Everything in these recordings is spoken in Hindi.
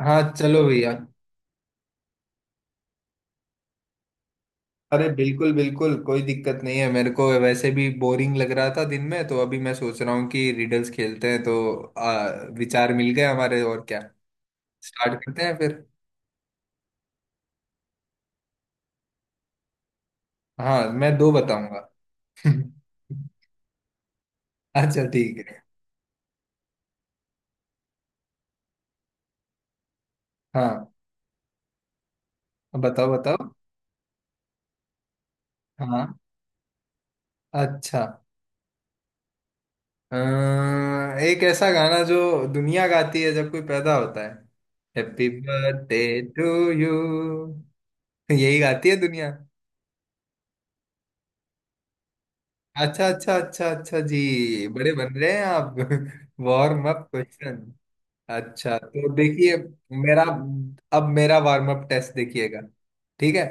हाँ चलो भैया। अरे बिल्कुल बिल्कुल कोई दिक्कत नहीं है मेरे को, वैसे भी बोरिंग लग रहा था दिन में, तो अभी मैं सोच रहा हूँ कि रिडल्स खेलते हैं तो आ, विचार मिल गए हमारे, और क्या। स्टार्ट करते हैं फिर। हाँ, मैं दो बताऊंगा। अच्छा ठीक है। हाँ बताओ बताओ। हाँ अच्छा। एक ऐसा गाना जो दुनिया गाती है जब कोई पैदा होता है, हैप्पी बर्थडे टू यू। यही गाती है दुनिया। अच्छा अच्छा अच्छा अच्छा, जी बड़े बन रहे हैं आप। Warm up question. अच्छा तो देखिए मेरा, अब मेरा वार्म अप टेस्ट देखिएगा। ठीक है।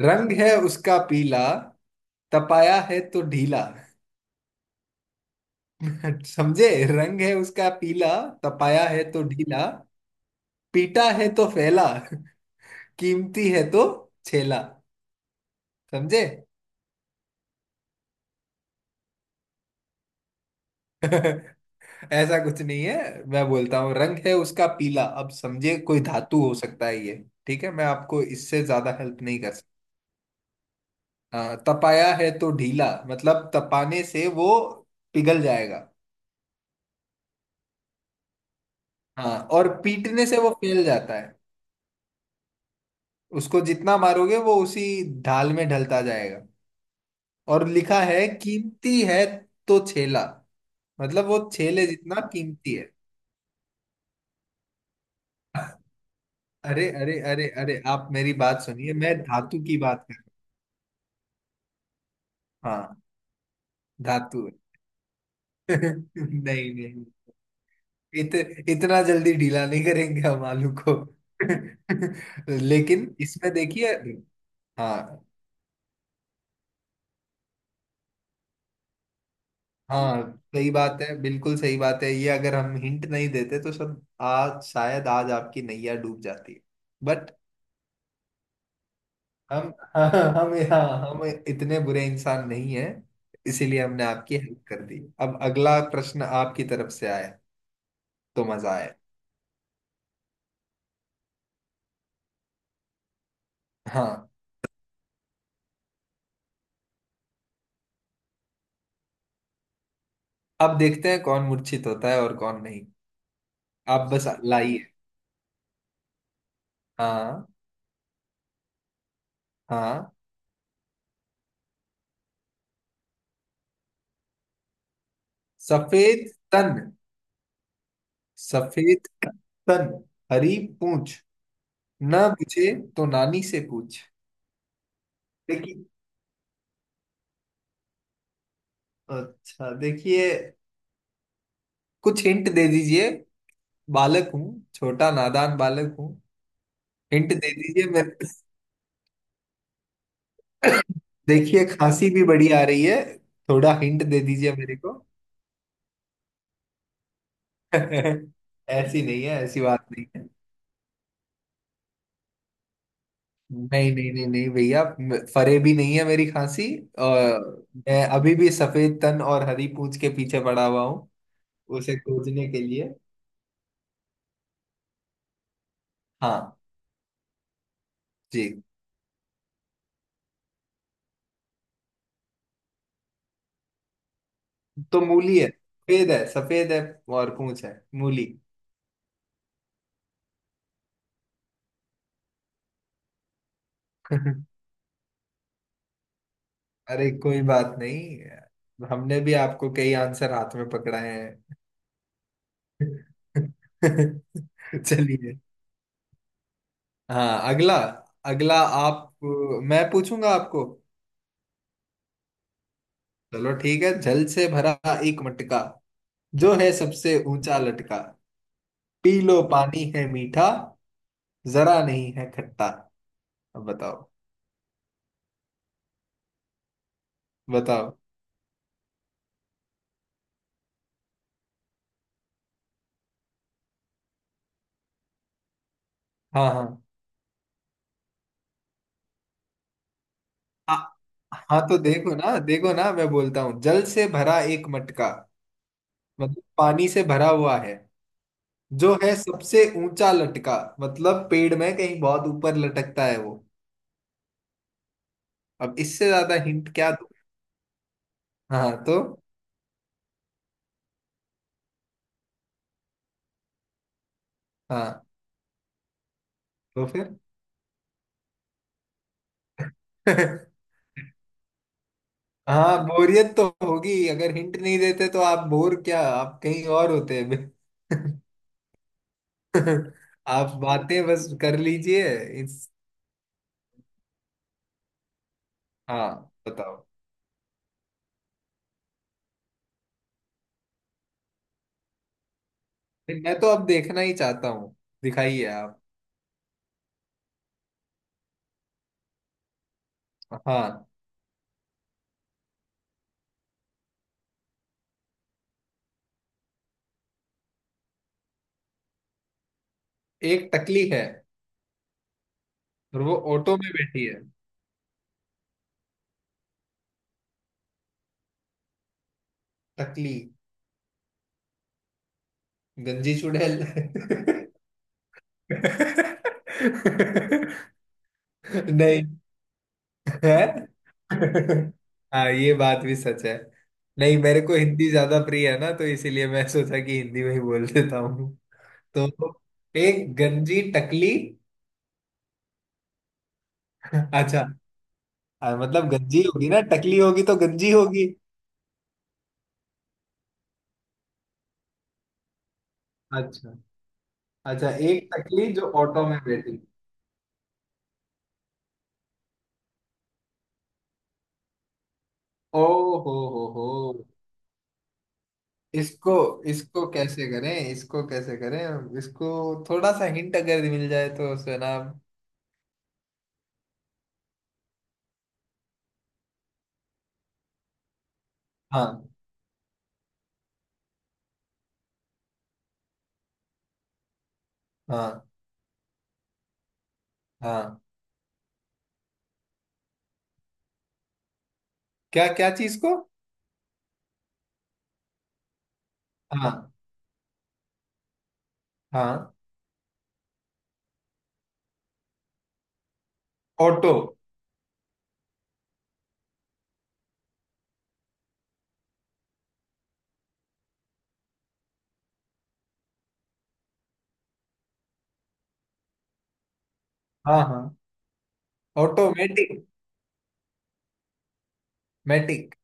रंग है उसका पीला, तपाया है तो ढीला। समझे? रंग है उसका पीला, तपाया है तो ढीला, पीटा है तो फैला, कीमती है तो छेला। समझे? ऐसा कुछ नहीं है, मैं बोलता हूँ रंग है उसका पीला, अब समझे कोई धातु हो सकता है ये। ठीक है, मैं आपको इससे ज्यादा हेल्प नहीं कर सकता। हाँ, तपाया है तो ढीला मतलब तपाने से वो पिघल जाएगा। हाँ, और पीटने से वो फैल जाता है, उसको जितना मारोगे वो उसी ढाल में ढलता जाएगा। और लिखा है कीमती है तो छेला, मतलब वो छेले जितना कीमती है। अरे अरे अरे अरे, आप मेरी बात सुनिए, मैं धातु की बात कर रहा हूँ। हाँ धातु। नहीं नहीं, इत, इतना जल्दी ढीला नहीं करेंगे हम आलू को। लेकिन इसमें देखिए। हाँ हाँ, सही बात है, बिल्कुल सही बात है, ये अगर हम हिंट नहीं देते तो सब आज शायद आज आपकी नैया डूब जाती है। बट हम हाँ, हम हाँ, हम इतने बुरे इंसान नहीं हैं, इसीलिए हमने आपकी हेल्प कर दी। अब अगला प्रश्न आपकी तरफ से आए तो मजा आए। हाँ, अब देखते हैं कौन मूर्छित होता है और कौन नहीं। आप बस लाइए। हाँ हाँ। सफेद तन। सफेद तन हरी पूछ, ना पूछे तो नानी से पूछ। देखिए, अच्छा देखिए, कुछ हिंट दे दीजिए। बालक हूँ, छोटा नादान बालक हूँ। हिंट दे दीजिए मेरे। देखिए खांसी भी बड़ी आ रही है, थोड़ा हिंट दे दीजिए मेरे को। ऐसी नहीं है, ऐसी बात नहीं। नहीं नहीं नहीं नहीं भैया, म- फरे भी नहीं है मेरी खांसी। और मैं अभी भी सफेद तन और हरी पूंछ के पीछे पड़ा हुआ हूँ, उसे खोजने के लिए। हाँ जी। तो मूली है, सफेद है, सफेद है और पूंछ है मूली। अरे कोई बात नहीं, हमने भी आपको कई आंसर हाथ में पकड़ाए हैं। चलिए। हाँ अगला। अगला आप, मैं पूछूंगा आपको। चलो ठीक है। जल से भरा एक मटका, जो है सबसे ऊंचा लटका, पी लो पानी है मीठा, जरा नहीं है खट्टा। अब बताओ। बताओ। हाँ हाँ। आ- हाँ तो देखो ना, देखो ना, मैं बोलता हूँ जल से भरा एक मटका मतलब पानी से भरा हुआ है, जो है सबसे ऊंचा लटका मतलब पेड़ में कहीं बहुत ऊपर लटकता है वो। अब इससे ज्यादा हिंट क्या दूँ? हाँ तो। हाँ तो फिर। हाँ बोरियत तो होगी, अगर हिंट नहीं देते तो। आप बोर क्या, आप कहीं और होते हैं। आप बातें बस कर लीजिए। इस, हाँ बताओ। नहीं, मैं तो अब देखना ही चाहता हूँ। दिखाइए आप। हाँ, एक टकली है और वो ऑटो में बैठी है। टकली गंजी चुड़ैल। नहीं है। हाँ ये बात भी सच है। नहीं, मेरे को हिंदी ज्यादा प्रिय है ना, तो इसीलिए मैं सोचा कि हिंदी में ही बोल देता हूँ। तो एक गंजी टकली। अच्छा। हाँ, मतलब गंजी होगी ना, टकली होगी तो गंजी होगी। अच्छा। अच्छा एक टकली जो ऑटो में बैठी। ओ हो हो। इसको, इसको कैसे करें, इसको कैसे करें, इसको थोड़ा सा हिंट अगर मिल जाए तो सुना। हाँ हाँ हाँ। क्या क्या चीज को? हाँ हाँ। ऑटो। हाँ हाँ। ऑटोमेटिक मैटिक।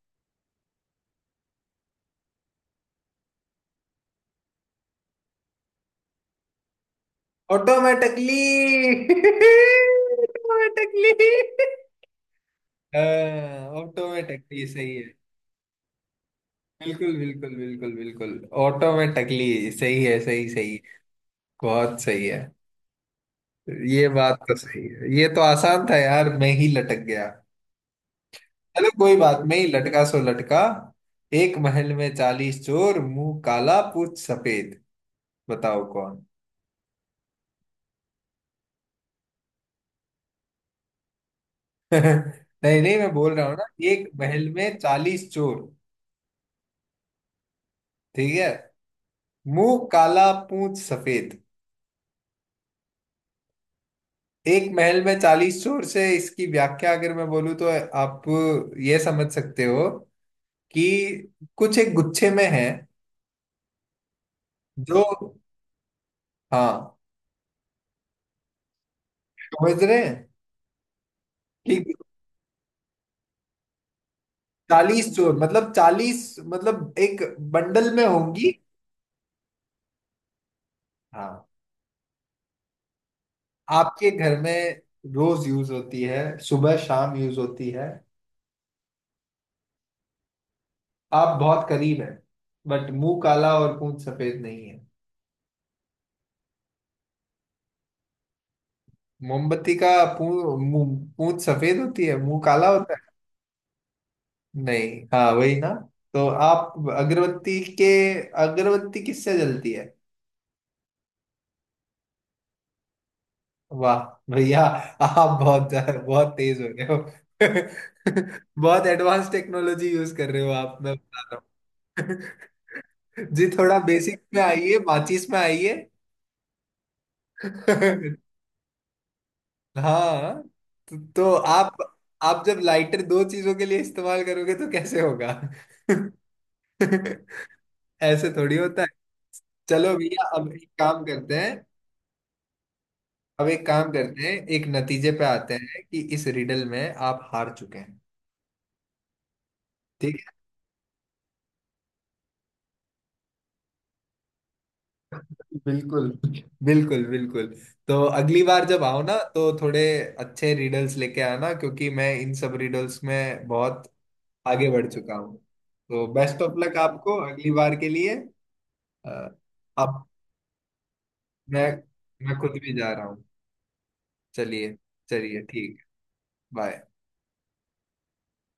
ऑटोमेटिकली। ऑटोमेटिकली। ऑटोमेटिकली सही है। बिल्कुल बिल्कुल बिल्कुल बिल्कुल। ऑटोमेटिकली सही है, सही सही। बहुत सही है। ये बात तो सही है, ये तो आसान था यार, मैं ही लटक गया। चलो कोई बात नहीं, लटका सो लटका। एक महल में 40 चोर, मुंह काला पूछ सफेद, बताओ कौन। नहीं नहीं, मैं बोल रहा हूँ ना, एक महल में 40 चोर, ठीक है, मुंह काला पूंछ सफेद। एक महल में चालीस चोर से इसकी व्याख्या अगर मैं बोलूँ तो आप ये समझ सकते हो कि कुछ एक गुच्छे में है जो। हाँ समझ रहे हैं कि 40 चोर मतलब 40 मतलब एक बंडल में होंगी। हाँ। आपके घर में रोज यूज होती है, सुबह शाम यूज होती है। आप बहुत करीब हैं, बट मुंह काला और पूंछ सफेद नहीं है। मोमबत्ती का मुंह पूंछ सफेद होती है, मुंह काला होता है। नहीं, हाँ वही ना, तो आप अगरबत्ती के। अगरबत्ती किससे जलती है? वाह भैया, आप बहुत बहुत तेज हो गए हो। बहुत एडवांस टेक्नोलॉजी यूज कर रहे हो आप, मैं बता रहा हूँ। जी थोड़ा बेसिक में आइए, माचिस में आइए। हाँ तो आप जब लाइटर दो चीजों के लिए इस्तेमाल करोगे तो कैसे होगा? ऐसे थोड़ी होता है। चलो भैया अब एक काम करते हैं, अब एक काम करते हैं, एक नतीजे पे आते हैं कि इस रिडल में आप हार चुके हैं। ठीक है। बिल्कुल बिल्कुल बिल्कुल। तो अगली बार जब आओ ना तो थोड़े अच्छे रिडल्स लेके आना, क्योंकि मैं इन सब रिडल्स में बहुत आगे बढ़ चुका हूँ। तो बेस्ट ऑफ लक आपको अगली बार के लिए। अ, आप, मैं मैं खुद भी जा रहा हूँ। चलिए, चलिए ठीक है। बाय।